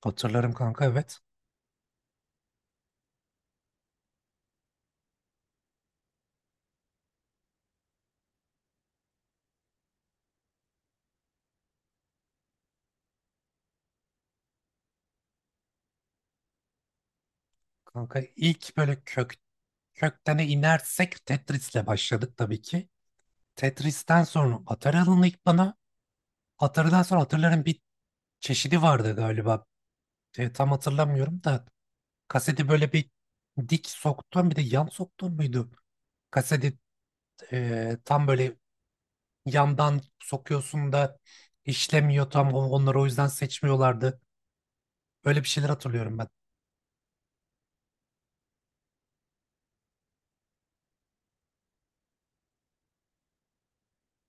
Hatırlarım kanka, evet. Kanka ilk böyle köktene inersek Tetris'le başladık tabii ki. Tetris'ten sonra Atari alındı ilk bana. Atari'den sonra Atari'lerin bir çeşidi vardı galiba. Tam hatırlamıyorum da kaseti böyle bir dik soktun, bir de yan soktun muydu? Kaseti tam böyle yandan sokuyorsun da işlemiyor tam. Onları o yüzden seçmiyorlardı. Öyle bir şeyler hatırlıyorum ben.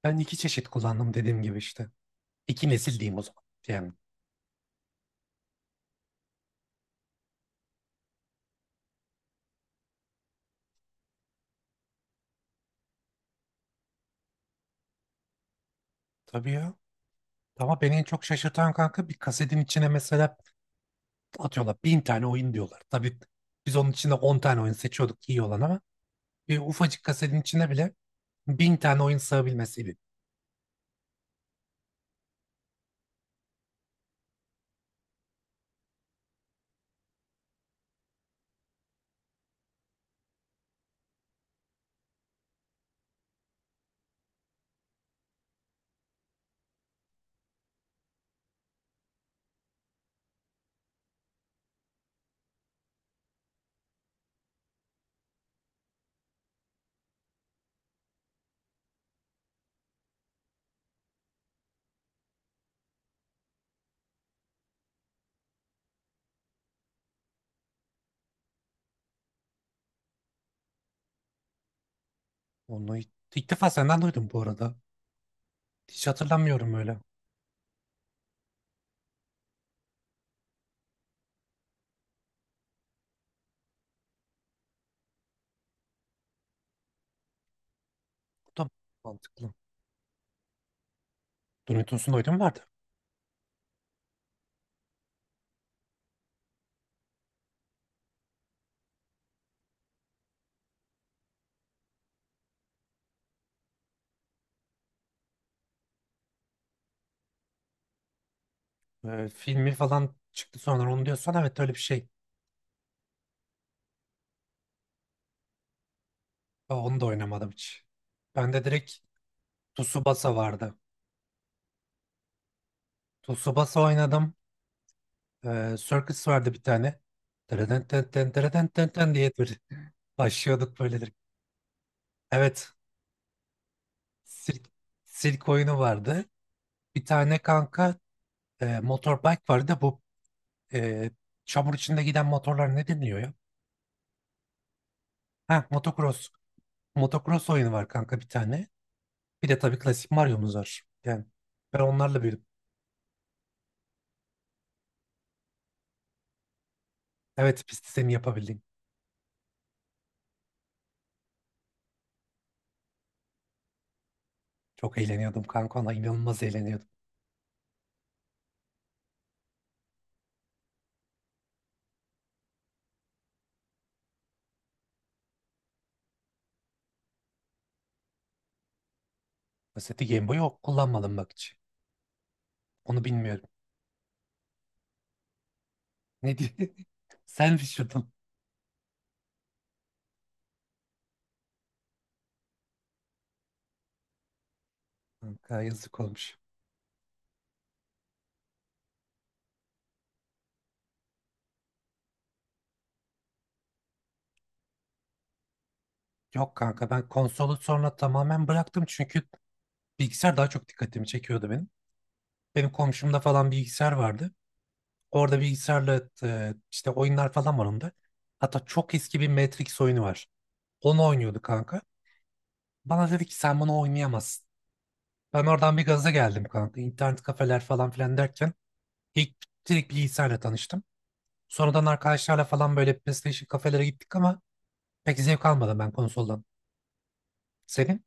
Ben iki çeşit kullandım dediğim gibi işte. 2 nesil diyeyim o zaman. Yani. Tabii ya. Ama beni en çok şaşırtan kanka, bir kasetin içine mesela atıyorlar 1.000 tane oyun diyorlar. Tabii biz onun içinde 10 tane oyun seçiyorduk, iyi olan ama bir ufacık kasetin içine bile 1.000 tane oyun sığabilmesiydi. Onu ilk defa senden duydum bu arada. Hiç hatırlamıyorum öyle. Bu da mantıklı. Dunutus'un oyunu mu vardı? Filmi falan çıktı sonra, onu diyorsan evet, öyle bir şey. Aa, onu da oynamadım hiç. Ben de direkt Tsubasa vardı. Tsubasa oynadım. Circus vardı bir tane. Dereden ten ten dereden ten ten diye böyle başlıyorduk böyledir. Evet. Sirk, sirk oyunu vardı. Bir tane kanka motorbike vardı. Bu e, çamur içinde giden motorlar ne deniliyor ya? Ha, motocross. Motocross oyunu var kanka bir tane. Bir de tabii klasik Mario'muz var. Yani ben onlarla büyüdüm. Evet, pist sistemi yapabildim. Çok eğleniyordum kanka, ona inanılmaz eğleniyordum. Mesela Game Boy'u kullanmadım bak hiç. Onu bilmiyorum. Ne diye? Sen düşürdün. Kanka yazık olmuş. Yok kanka, ben konsolu sonra tamamen bıraktım çünkü bilgisayar daha çok dikkatimi çekiyordu benim. Benim komşumda falan bilgisayar vardı. Orada bilgisayarla işte oyunlar falan var onda. Hatta çok eski bir Matrix oyunu var. Onu oynuyordu kanka. Bana dedi ki sen bunu oynayamazsın. Ben oradan bir gaza geldim kanka. İnternet kafeler falan filan derken ilk direkt bilgisayarla tanıştım. Sonradan arkadaşlarla falan böyle PlayStation kafelere gittik ama pek zevk almadım ben konsoldan. Senin?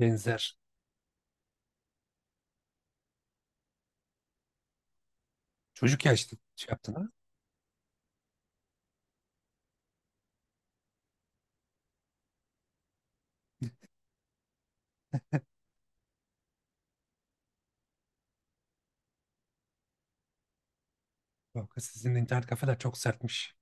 Benzer. Çocuk yaşta şey yaptın ha? Yok, sizin internet kafeler çok sertmiş.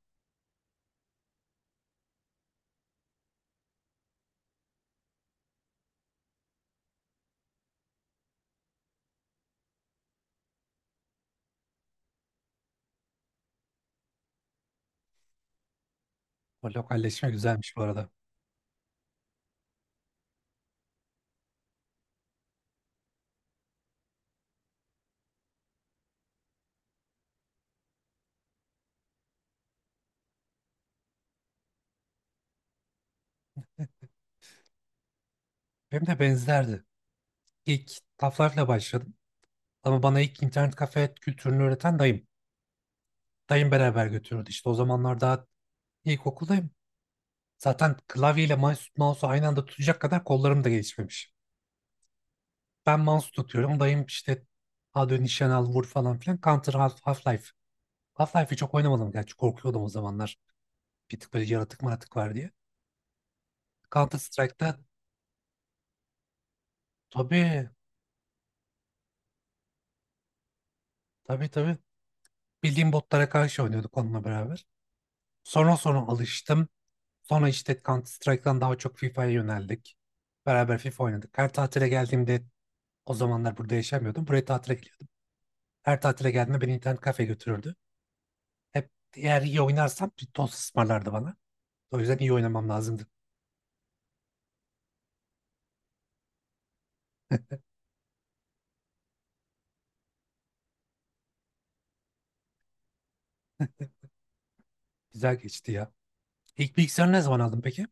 O lokalleşme güzelmiş bu arada. Benim de benzerdi. İlk taflarla başladım. Ama bana ilk internet kafe kültürünü öğreten dayım. Dayım beraber götürüyordu. İşte o zamanlar daha ilkokuldayım. Zaten klavyeyle mouse'u aynı anda tutacak kadar kollarım da gelişmemiş. Ben mouse tutuyorum. Dayım işte hadi nişan al vur falan filan. Counter, Half-Life. Half-Life'i çok oynamadım, gerçi korkuyordum o zamanlar. Bir tık böyle yaratık maratık var diye. Counter Strike'da. Tabii. Tabii, tabii. Bildiğim botlara karşı oynuyorduk onunla beraber. Sonra alıştım. Sonra işte Counter Strike'dan daha çok FIFA'ya yöneldik. Beraber FIFA oynadık. Her tatile geldiğimde o zamanlar burada yaşamıyordum. Buraya tatile geliyordum. Her tatile geldiğimde beni internet kafe götürürdü. Hep eğer iyi oynarsam bir tost ısmarlardı bana. O yüzden iyi oynamam lazımdı. Güzel geçti ya. İlk bilgisayarı ne zaman aldın peki?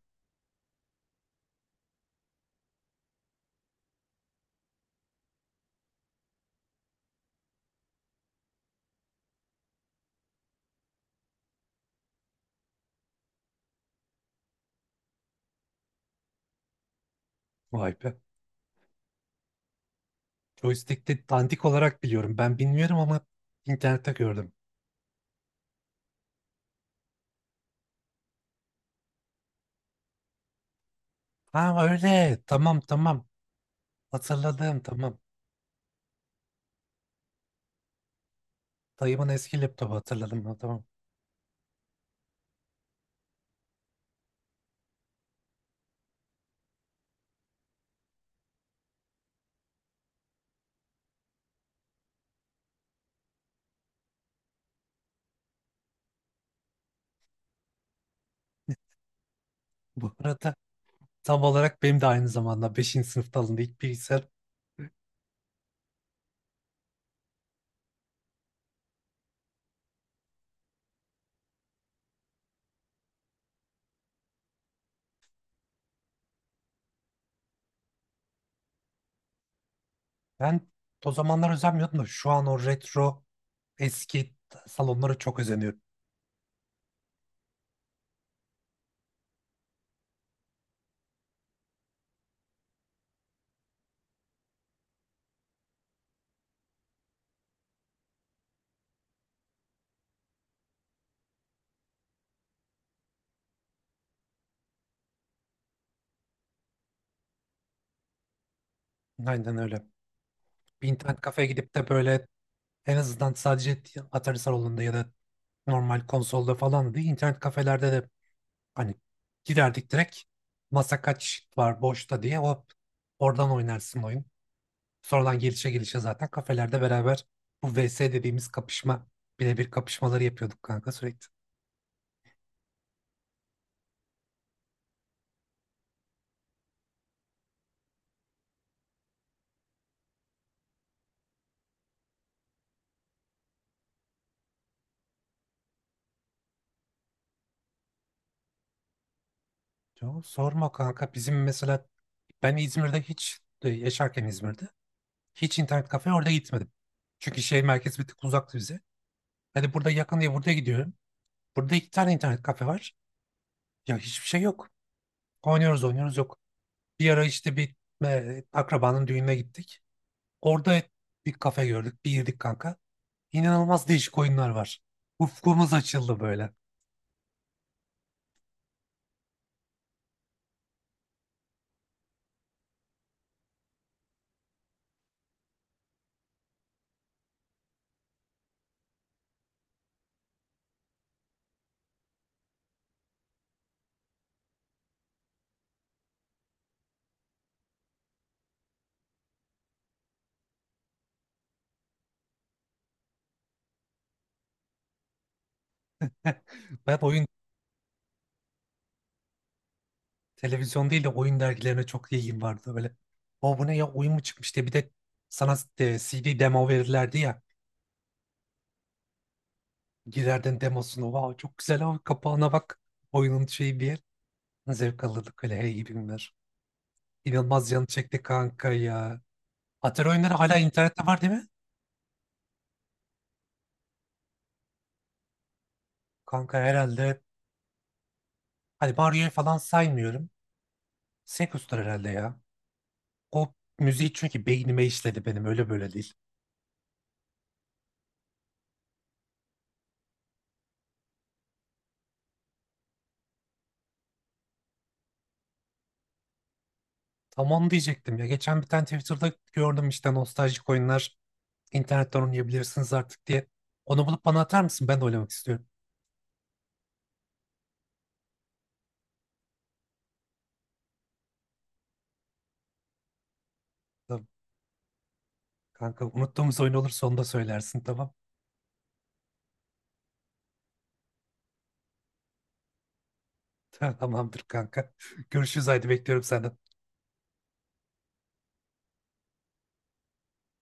Vay be. Joystick'te dandik olarak biliyorum. Ben bilmiyorum ama internette gördüm. Ha öyle. Tamam, tamam. Hatırladım, tamam. Dayımın eski laptopu hatırladım ben, tamam. Bu arada tam olarak benim de aynı zamanda beşinci sınıfta alındı ilk bilgisayar. Ben o zamanlar özenmiyordum da şu an o retro eski salonlara çok özeniyorum. Aynen öyle. Bir internet kafeye gidip de böyle en azından sadece Atari salonunda ya da normal konsolda falan değil, internet kafelerde de hani giderdik direkt masa kaç var boşta diye hop oradan oynarsın oyun. Sonradan gelişe gelişe zaten kafelerde beraber bu VS dediğimiz kapışma, birebir kapışmaları yapıyorduk kanka sürekli. Yo, sorma kanka, bizim mesela ben İzmir'de hiç yaşarken İzmir'de hiç internet kafeye orada gitmedim. Çünkü şehir merkezi bir tık uzaktı bize. Hani burada yakın diye burada gidiyorum. Burada 2 tane internet kafe var. Ya hiçbir şey yok. Oynuyoruz oynuyoruz, yok. Bir ara işte bir akrabanın düğününe gittik. Orada bir kafe gördük. Bir girdik kanka. İnanılmaz değişik oyunlar var. Ufkumuz açıldı böyle. Ben oyun, televizyon değil de oyun dergilerine çok ilgim vardı böyle. O bu ne ya, oyun mu çıkmış diye, bir de sana CD demo verirlerdi ya. Girerdin demosunu. Wow, çok güzel abi, kapağına bak. Oyunun şeyi bir yer. Zevk alırdık öyle, hey gibi günler. İnanılmaz canı çekti kanka ya. Atari oyunları hala internette var değil mi? Kanka herhalde. Hani Mario'yu falan saymıyorum. Sekus'tur herhalde ya. O müziği çünkü beynime işledi benim, öyle böyle değil. Tamam diyecektim ya. Geçen bir tane Twitter'da gördüm işte, nostaljik oyunlar internetten oynayabilirsiniz artık diye. Onu bulup bana atar mısın? Ben de oynamak istiyorum. Tamam kanka, unuttuğumuz oyun olursa onu da söylersin, tamam. Tamamdır kanka. Görüşürüz, haydi bekliyorum senden.